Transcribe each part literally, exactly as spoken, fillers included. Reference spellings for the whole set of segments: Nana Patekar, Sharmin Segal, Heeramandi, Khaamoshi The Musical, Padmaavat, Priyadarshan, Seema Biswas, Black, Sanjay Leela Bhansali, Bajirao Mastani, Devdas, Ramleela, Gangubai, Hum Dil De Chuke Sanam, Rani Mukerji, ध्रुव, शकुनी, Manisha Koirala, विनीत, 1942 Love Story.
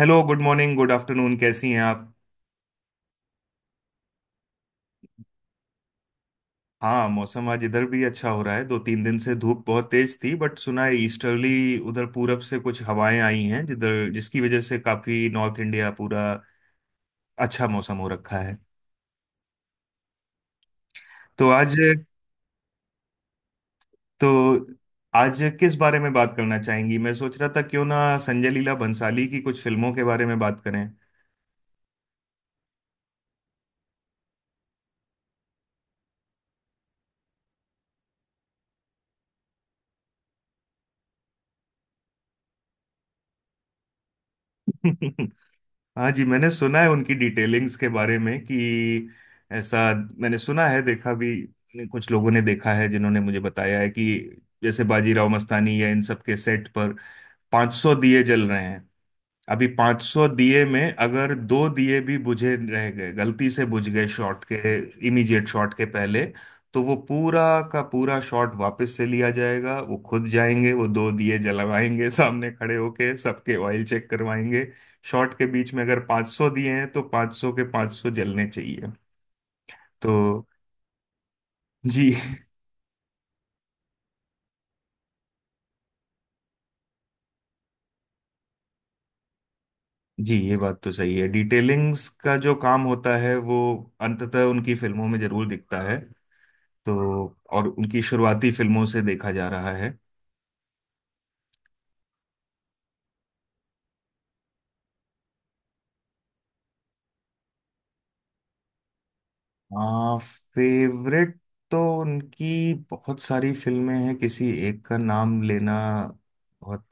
Hello, good morning, good afternoon. कैसी हैं आप? हाँ, मौसम आज इधर भी अच्छा हो रहा है। दो तीन दिन से धूप बहुत तेज थी, बट सुना है ईस्टर्ली उधर पूरब से कुछ हवाएं आई हैं, जिधर जिसकी वजह से काफी नॉर्थ इंडिया पूरा अच्छा मौसम हो रखा है। तो आज तो आज किस बारे में बात करना चाहेंगी? मैं सोच रहा था क्यों ना संजय लीला भंसाली की कुछ फिल्मों के बारे में बात करें। हाँ जी, मैंने सुना है उनकी डिटेलिंग्स के बारे में कि ऐसा। मैंने सुना है, देखा भी, कुछ लोगों ने देखा है जिन्होंने मुझे बताया है कि जैसे बाजीराव मस्तानी या इन सब के सेट पर पांच सौ दिए जल रहे हैं। अभी पांच सौ दिए में अगर दो दिए भी बुझे रह गए, गलती से बुझ गए शॉट के, इमीडिएट शॉट के पहले, तो वो पूरा का पूरा शॉट वापस से लिया जाएगा। वो खुद जाएंगे, वो दो दिए जलवाएंगे, सामने खड़े होके सबके ऑयल चेक करवाएंगे। शॉट के बीच में अगर पांच सौ दिए हैं तो पांच सौ के पांच सौ जलने चाहिए। तो जी, जी, ये बात तो सही है। डिटेलिंग्स का जो काम होता है वो अंततः उनकी फिल्मों में जरूर दिखता है। तो और उनकी शुरुआती फिल्मों से देखा जा रहा है। आ, फेवरेट तो उनकी बहुत सारी फिल्में हैं, किसी एक का नाम लेना बहुत।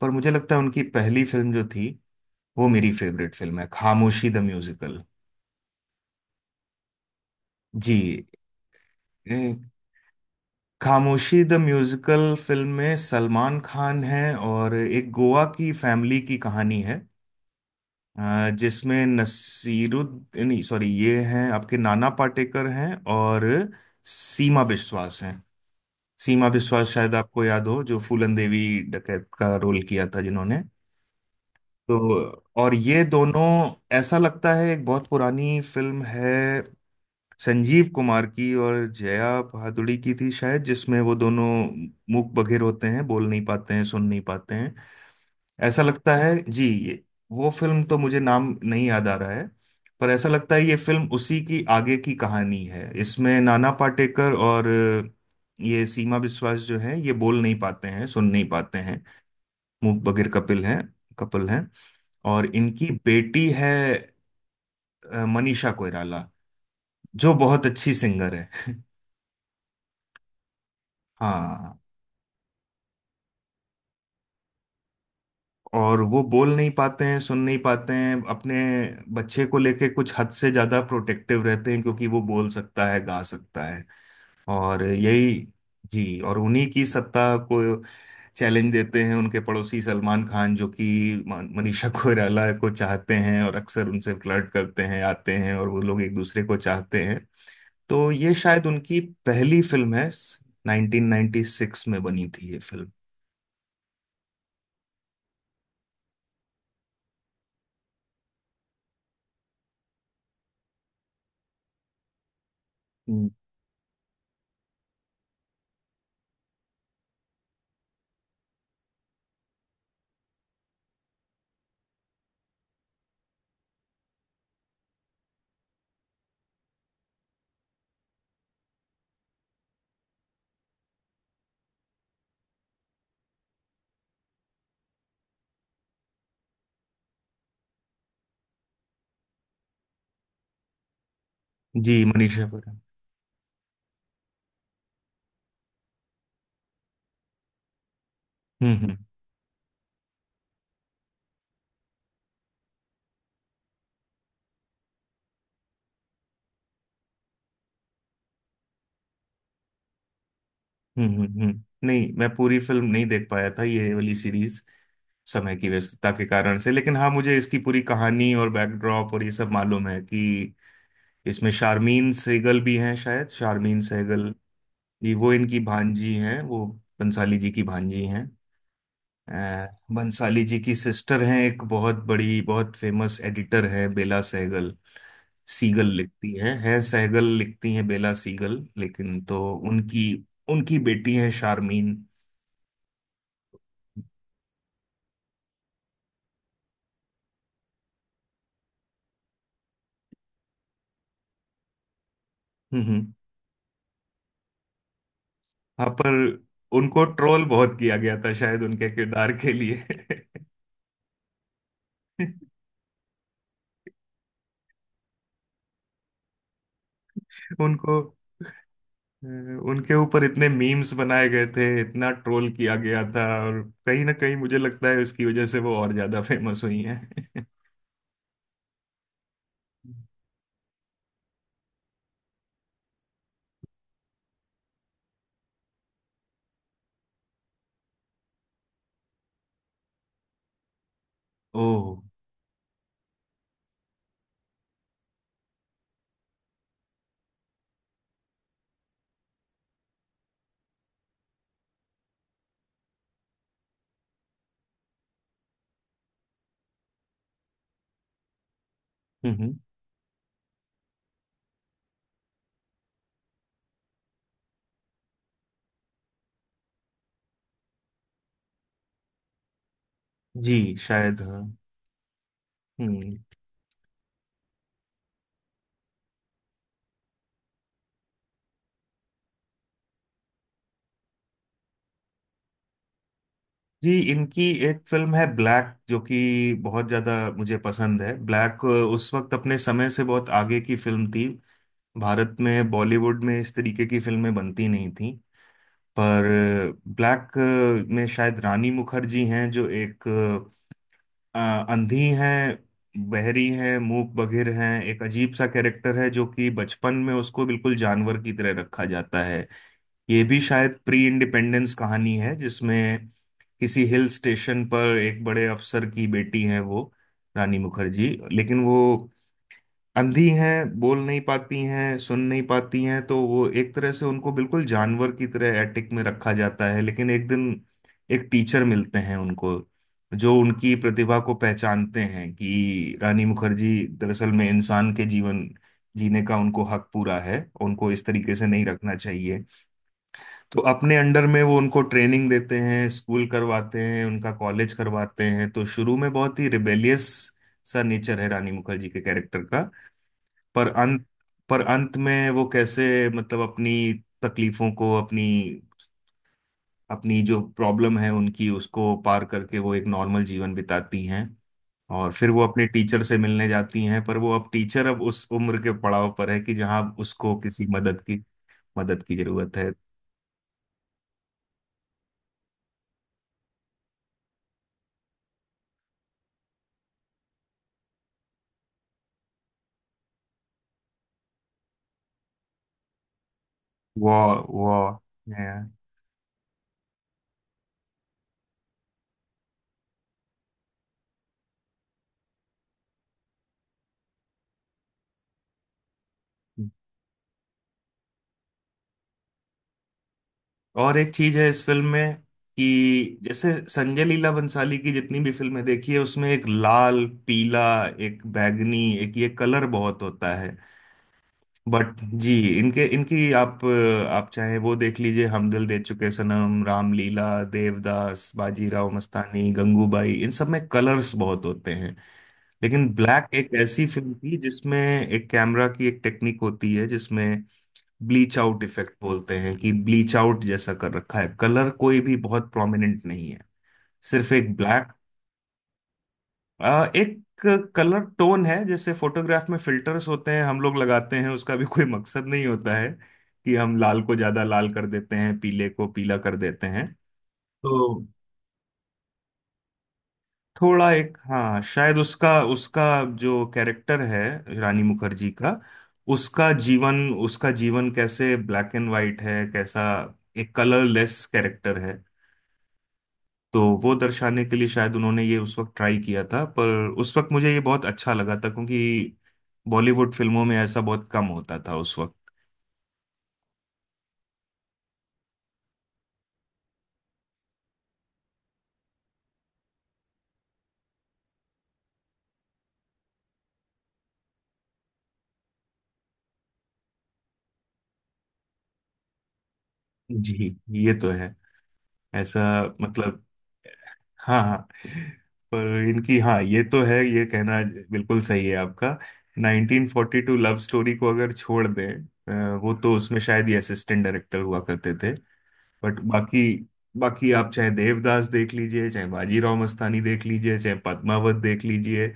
पर मुझे लगता है उनकी पहली फिल्म जो थी वो मेरी फेवरेट फिल्म है, खामोशी द म्यूजिकल। जी। ए, खामोशी द म्यूजिकल फिल्म में सलमान खान है और एक गोवा की फैमिली की कहानी है। अ, जिसमें नसीरुद्दीन नहीं, सॉरी, ये हैं आपके, नाना पाटेकर हैं और सीमा विश्वास हैं। सीमा विश्वास शायद आपको याद हो, जो फूलन देवी डकैत का रोल किया था जिन्होंने। तो और ये दोनों, ऐसा लगता है एक बहुत पुरानी फिल्म है, संजीव कुमार की और जया भादुड़ी की थी शायद, जिसमें वो दोनों मूक बधिर होते हैं, बोल नहीं पाते हैं, सुन नहीं पाते हैं। ऐसा लगता है जी, ये वो फिल्म तो मुझे नाम नहीं याद आ रहा है। पर ऐसा लगता है ये फिल्म उसी की आगे की कहानी है। इसमें नाना पाटेकर और अ, ये सीमा विश्वास जो है, ये बोल नहीं पाते हैं, सुन नहीं पाते हैं, मूक बधिर कपिल हैं, कपिल हैं। और इनकी बेटी है अ, मनीषा कोइराला, जो बहुत अच्छी सिंगर है। हाँ। और वो बोल नहीं पाते हैं, सुन नहीं पाते हैं, अपने बच्चे को लेके कुछ हद से ज्यादा प्रोटेक्टिव रहते हैं, क्योंकि वो बोल सकता है, गा सकता है। और यही जी। और उन्हीं की सत्ता को चैलेंज देते हैं उनके पड़ोसी सलमान खान, जो कि मन- मनीषा कोइराला को चाहते हैं और अक्सर उनसे फ्लर्ट करते हैं, आते हैं, और वो लोग एक दूसरे को चाहते हैं। तो ये शायद उनकी पहली फिल्म है, नाइनटीन नाइनटी सिक्स में बनी थी ये फिल्म। हम्म। जी, मनीषा कोइराला। हम्म हम्म। हम्म हम्म हम्म। नहीं, मैं पूरी फिल्म नहीं देख पाया था ये वाली सीरीज, समय की व्यस्तता के कारण से। लेकिन हाँ, मुझे इसकी पूरी कहानी और बैकड्रॉप और ये सब मालूम है कि इसमें शारमीन सहगल भी हैं शायद, शारमीन सहगल, ये वो इनकी भांजी हैं, वो बंसाली जी की भांजी हैं। अ, बंसाली जी की सिस्टर हैं, एक बहुत बड़ी बहुत फेमस एडिटर है, बेला सहगल। सीगल लिखती है है सहगल लिखती हैं बेला सीगल, लेकिन तो उनकी उनकी बेटी है शारमीन। हम्म हम्म। हाँ, पर उनको ट्रोल बहुत किया गया था शायद, उनके किरदार के लिए। उनको अ, उनके ऊपर इतने मीम्स बनाए गए थे, इतना ट्रोल किया गया था, और कहीं ना कहीं मुझे लगता है उसकी वजह से वो और ज्यादा फेमस हुई हैं। ओह। हम्म हम्म। जी, शायद हाँ। हम्म। जी, इनकी एक फिल्म है ब्लैक, जो कि बहुत ज्यादा मुझे पसंद है। ब्लैक उस वक्त अपने समय से बहुत आगे की फिल्म थी। भारत में, बॉलीवुड में इस तरीके की फिल्में बनती नहीं थी। पर ब्लैक में शायद रानी मुखर्जी हैं, जो एक अ, अंधी हैं, बहरी हैं, मूक बधिर हैं, एक अजीब सा कैरेक्टर है, जो कि बचपन में उसको बिल्कुल जानवर की तरह रखा जाता है। ये भी शायद प्री इंडिपेंडेंस कहानी है जिसमें किसी हिल स्टेशन पर एक बड़े अफसर की बेटी है, वो रानी मुखर्जी, लेकिन वो अंधी हैं, बोल नहीं पाती हैं, सुन नहीं पाती हैं। तो वो एक तरह से उनको बिल्कुल जानवर की तरह एटिक में रखा जाता है। लेकिन एक दिन एक टीचर मिलते हैं उनको, जो उनकी प्रतिभा को पहचानते हैं कि रानी मुखर्जी दरअसल में इंसान के जीवन जीने का उनको हक पूरा है, उनको इस तरीके से नहीं रखना चाहिए। तो अपने अंडर में वो उनको ट्रेनिंग देते हैं, स्कूल करवाते हैं, उनका कॉलेज करवाते हैं। तो शुरू में बहुत ही रिबेलियस सा नेचर है रानी मुखर्जी के कैरेक्टर का। पर अंत पर अंत में वो कैसे, मतलब अपनी तकलीफों को, अपनी अपनी जो प्रॉब्लम है उनकी, उसको पार करके वो एक नॉर्मल जीवन बिताती हैं। और फिर वो अपने टीचर से मिलने जाती हैं, पर वो अब टीचर अब उस उम्र के पड़ाव पर है कि जहाँ उसको किसी मदद की मदद की जरूरत है। वो वो और एक चीज है इस फिल्म में कि जैसे संजय लीला बंसाली की जितनी भी फिल्में देखी है, उसमें एक लाल, पीला, एक बैगनी, एक ये कलर बहुत होता है। बट जी, इनके इनकी आप आप चाहे वो देख लीजिए, हम दिल दे चुके सनम, रामलीला, देवदास, बाजीराव मस्तानी, गंगूबाई, इन सब में कलर्स बहुत होते हैं। लेकिन ब्लैक एक ऐसी फिल्म थी जिसमें, एक कैमरा की एक टेक्निक होती है जिसमें ब्लीच आउट इफेक्ट बोलते हैं, कि ब्लीच आउट जैसा कर रखा है, कलर कोई भी बहुत प्रोमिनेंट नहीं है, सिर्फ एक ब्लैक। एक कलर टोन है, जैसे फोटोग्राफ में फिल्टर्स होते हैं, हम लोग लगाते हैं, उसका भी कोई मकसद नहीं होता है कि हम लाल को ज्यादा लाल कर देते हैं, पीले को पीला कर देते हैं। तो थोड़ा एक, हाँ, शायद उसका उसका जो कैरेक्टर है रानी मुखर्जी का, उसका जीवन उसका जीवन कैसे ब्लैक एंड वाइट है, कैसा एक कलरलेस कैरेक्टर है। तो वो दर्शाने के लिए शायद उन्होंने ये उस वक्त ट्राई किया था। पर उस वक्त मुझे ये बहुत अच्छा लगा था क्योंकि बॉलीवुड फिल्मों में ऐसा बहुत कम होता था उस वक्त। जी। ये तो है ऐसा, मतलब, हाँ हाँ। पर इनकी, हाँ, ये तो है, ये कहना बिल्कुल सही है आपका। Nineteen forty to love story को अगर छोड़ दें, अ, वो तो उसमें शायद ये असिस्टेंट डायरेक्टर हुआ करते थे। बट बाकी बाकी आप चाहे देवदास देख लीजिए, चाहे बाजीराव मस्तानी देख लीजिए, चाहे पद्मावत देख लीजिए।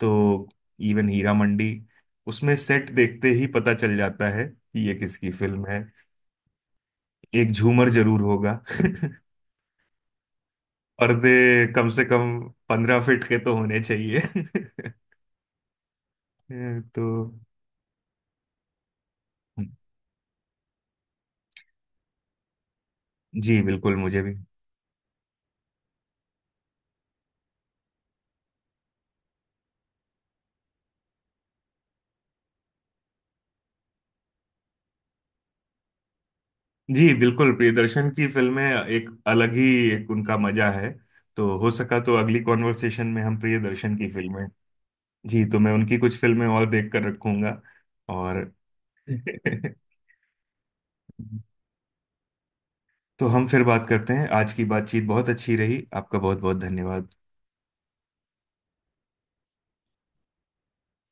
तो इवन हीरा मंडी, उसमें सेट देखते ही पता चल जाता है कि ये किसकी फिल्म है। एक झूमर जरूर होगा। पर्दे कम से कम पंद्रह फीट के तो होने चाहिए। तो जी, बिल्कुल, मुझे भी। जी, बिल्कुल, प्रियदर्शन की फिल्में एक अलग ही, एक उनका मजा है। तो हो सका तो अगली कॉन्वर्सेशन में हम प्रियदर्शन की फिल्में। जी, तो मैं उनकी कुछ फिल्में और देख कर रखूंगा। और। तो हम फिर बात करते हैं। आज की बातचीत बहुत अच्छी रही, आपका बहुत बहुत धन्यवाद।